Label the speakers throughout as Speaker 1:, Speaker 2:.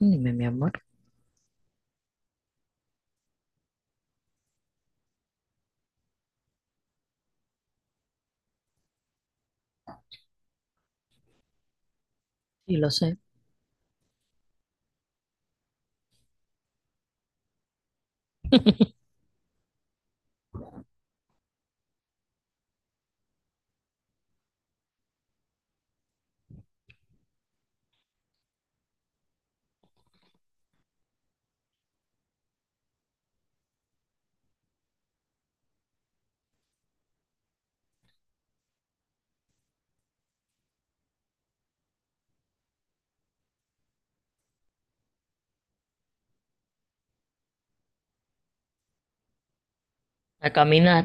Speaker 1: Dime, mi amor, y lo sé. A caminar,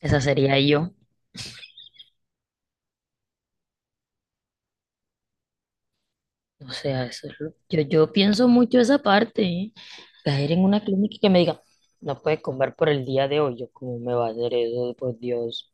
Speaker 1: esa sería yo. O sea, eso es yo pienso mucho esa parte, ¿eh? Caer en una clínica y que me diga, no puedes comer por el día de hoy. Yo, ¿cómo me va a hacer eso? Por Dios.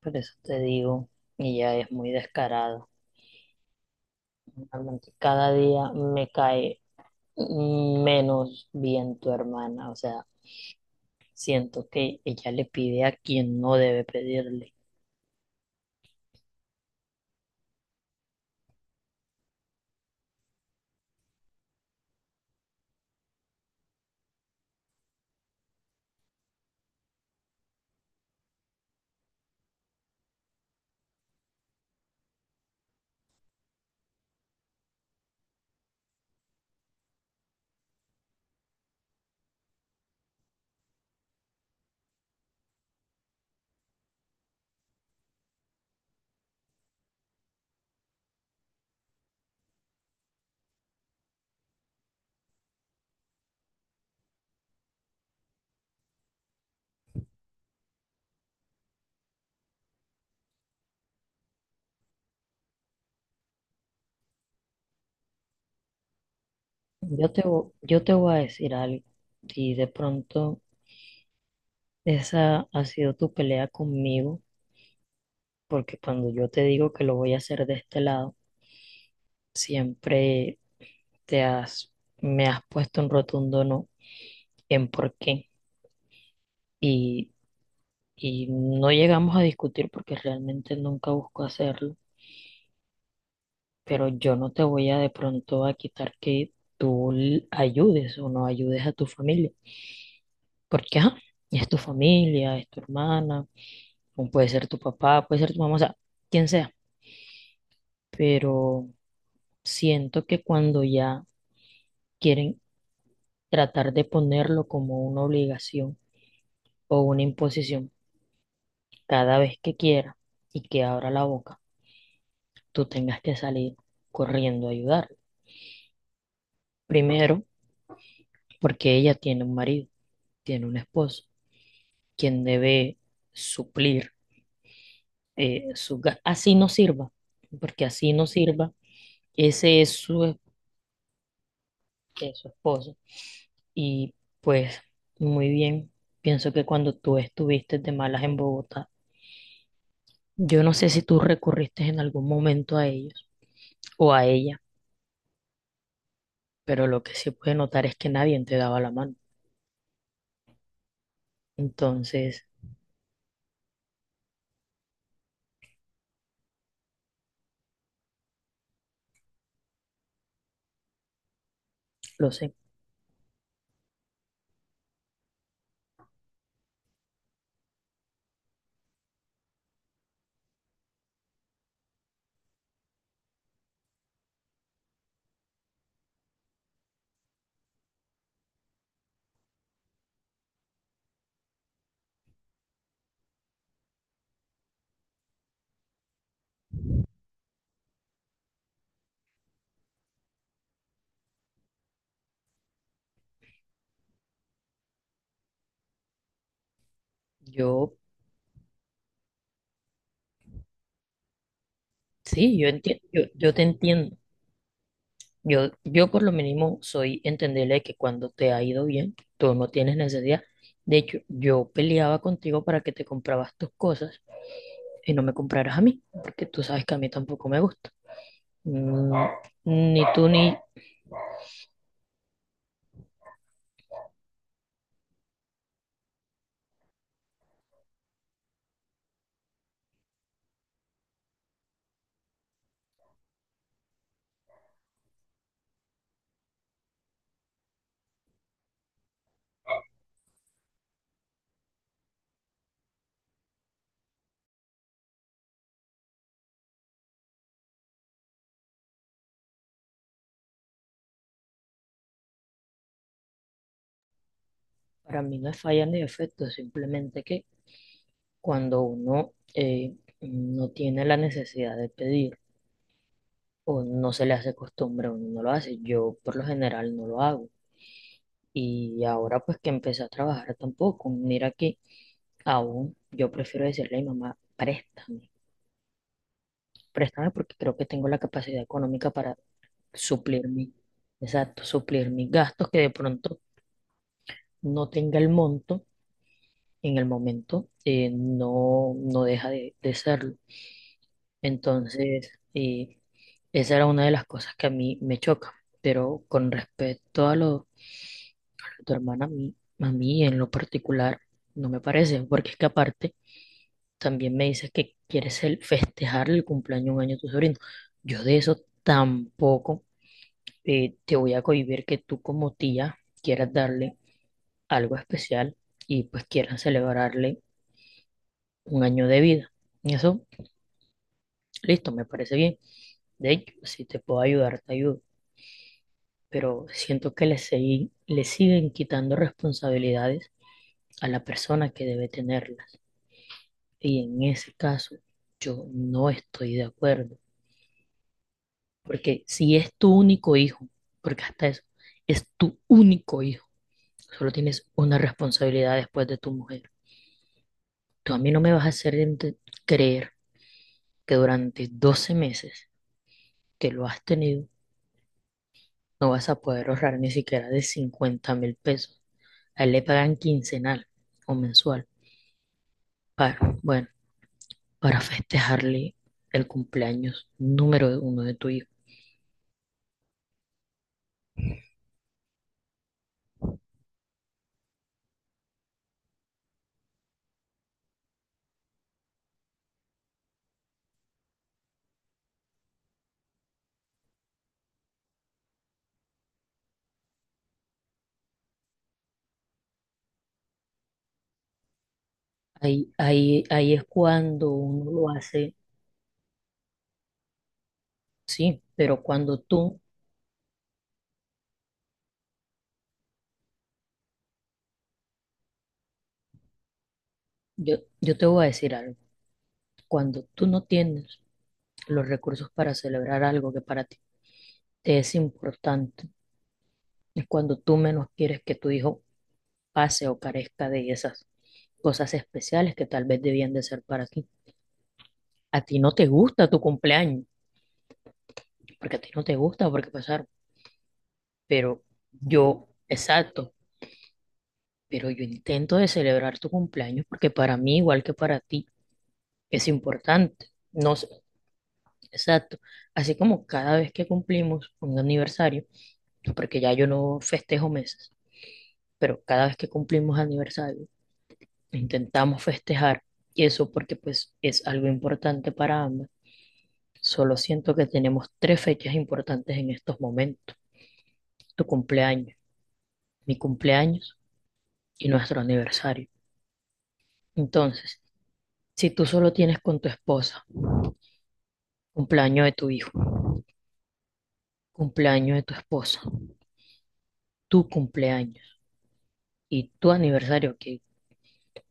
Speaker 1: Por eso te digo, ella es muy descarada. Realmente cada día me cae menos bien tu hermana. O sea, siento que ella le pide a quien no debe pedirle. Yo te voy a decir algo. Si de pronto. Esa ha sido tu pelea conmigo, porque cuando yo te digo que lo voy a hacer de este lado, siempre te has, me has puesto un rotundo no en por qué. Y, y no llegamos a discutir porque realmente nunca busco hacerlo, pero yo no te voy a de pronto a quitar que tú ayudes o no ayudes a tu familia, porque ajá, es tu familia, es tu hermana, o puede ser tu papá, puede ser tu mamá, o sea, quien sea, pero... Siento que cuando ya quieren tratar de ponerlo como una obligación o una imposición, cada vez que quiera y que abra la boca, tú tengas que salir corriendo a ayudar. Primero, porque ella tiene un marido, tiene un esposo, quien debe suplir Así no sirva, porque así no sirva, ese es su, es su esposo. Y pues, muy bien, pienso que cuando tú estuviste de malas en Bogotá, yo no sé si tú recurriste en algún momento a ellos o a ella, pero lo que se puede notar es que nadie te daba la mano. Entonces, lo sé. Yo, sí, yo entiendo, yo te entiendo. Yo por lo mínimo soy entenderle que cuando te ha ido bien, tú no tienes necesidad. De hecho, yo peleaba contigo para que te comprabas tus cosas y no me compraras a mí, porque tú sabes que a mí tampoco me gusta. Mm, ni tú ni para mí no es falla ni defecto, simplemente que cuando uno no tiene la necesidad de pedir o no se le hace costumbre, uno no lo hace. Yo por lo general no lo hago. Y ahora pues que empecé a trabajar tampoco. Mira que aún yo prefiero decirle a mi mamá, préstame, préstame porque creo que tengo la capacidad económica para suplir mi, exacto, suplir mis gastos que de pronto no tenga el monto en el momento, no deja de serlo. Entonces, esa era una de las cosas que a mí me choca. Pero con respecto a lo de tu hermana, a mí en lo particular no me parece, porque es que aparte también me dices que quieres festejar el cumpleaños de un año de tu sobrino. Yo de eso tampoco te voy a cohibir que tú como tía quieras darle algo especial y pues quieras celebrarle un año de vida. Y eso, listo, me parece bien. De hecho, si te puedo ayudar, te ayudo pero siento que le siguen quitando responsabilidades a la persona que debe tenerlas. Y en ese caso, yo no estoy de acuerdo, porque si es tu único hijo, porque hasta eso, es tu único hijo, solo tienes una responsabilidad después de tu mujer. Tú a mí no me vas a hacer creer que durante 12 meses que lo has tenido, no vas a poder ahorrar ni siquiera de 50.000 pesos. A él le pagan quincenal o mensual. Para Bueno, para festejarle el cumpleaños número uno de tu hijo. Ahí, ahí, ahí es cuando uno lo hace, sí, pero yo te voy a decir algo, cuando tú no tienes los recursos para celebrar algo que para ti te es importante, es cuando tú menos quieres que tu hijo pase o carezca de esas cosas especiales que tal vez debían de ser para ti. A ti no te gusta tu cumpleaños, porque a ti no te gusta porque pasar, pero yo, exacto, pero yo intento de celebrar tu cumpleaños porque para mí, igual que para ti, es importante. No sé, exacto. Así como cada vez que cumplimos un aniversario, porque ya yo no festejo meses, pero cada vez que cumplimos aniversario, intentamos festejar y eso porque pues es algo importante para ambas. Solo siento que tenemos tres fechas importantes en estos momentos. Tu cumpleaños, mi cumpleaños y nuestro aniversario. Entonces, si tú solo tienes con tu esposa cumpleaños de tu hijo, cumpleaños de tu esposa, tu cumpleaños y tu aniversario, que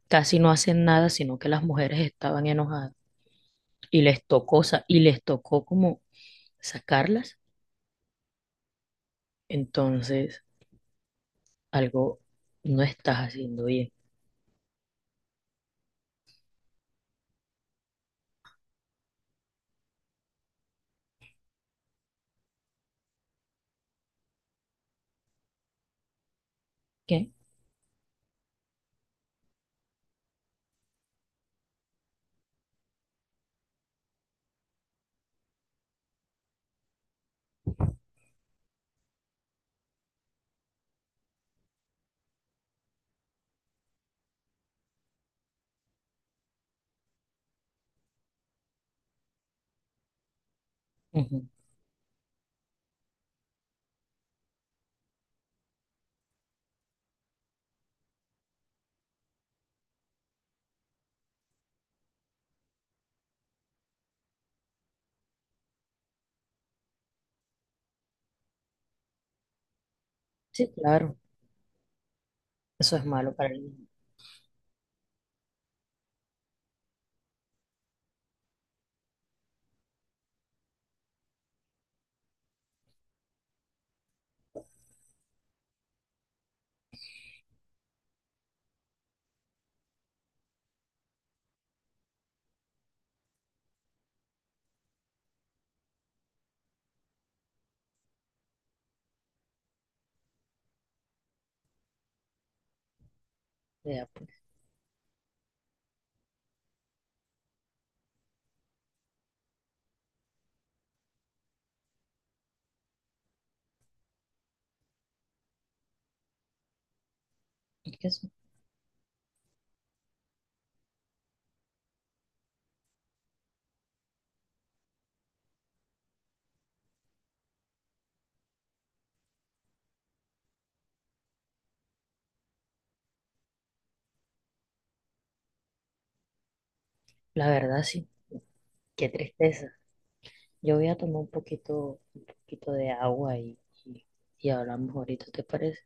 Speaker 1: casi no hacen nada, sino que las mujeres estaban enojadas y les tocó, y les tocó como sacarlas, entonces algo no estás haciendo bien. ¿Qué? Ujú. Sí, claro, eso es malo para el niño. Vea, pues, es que eso, la verdad sí, qué tristeza. Yo voy a tomar un poquito de agua y, y hablamos ahorita, ¿te parece?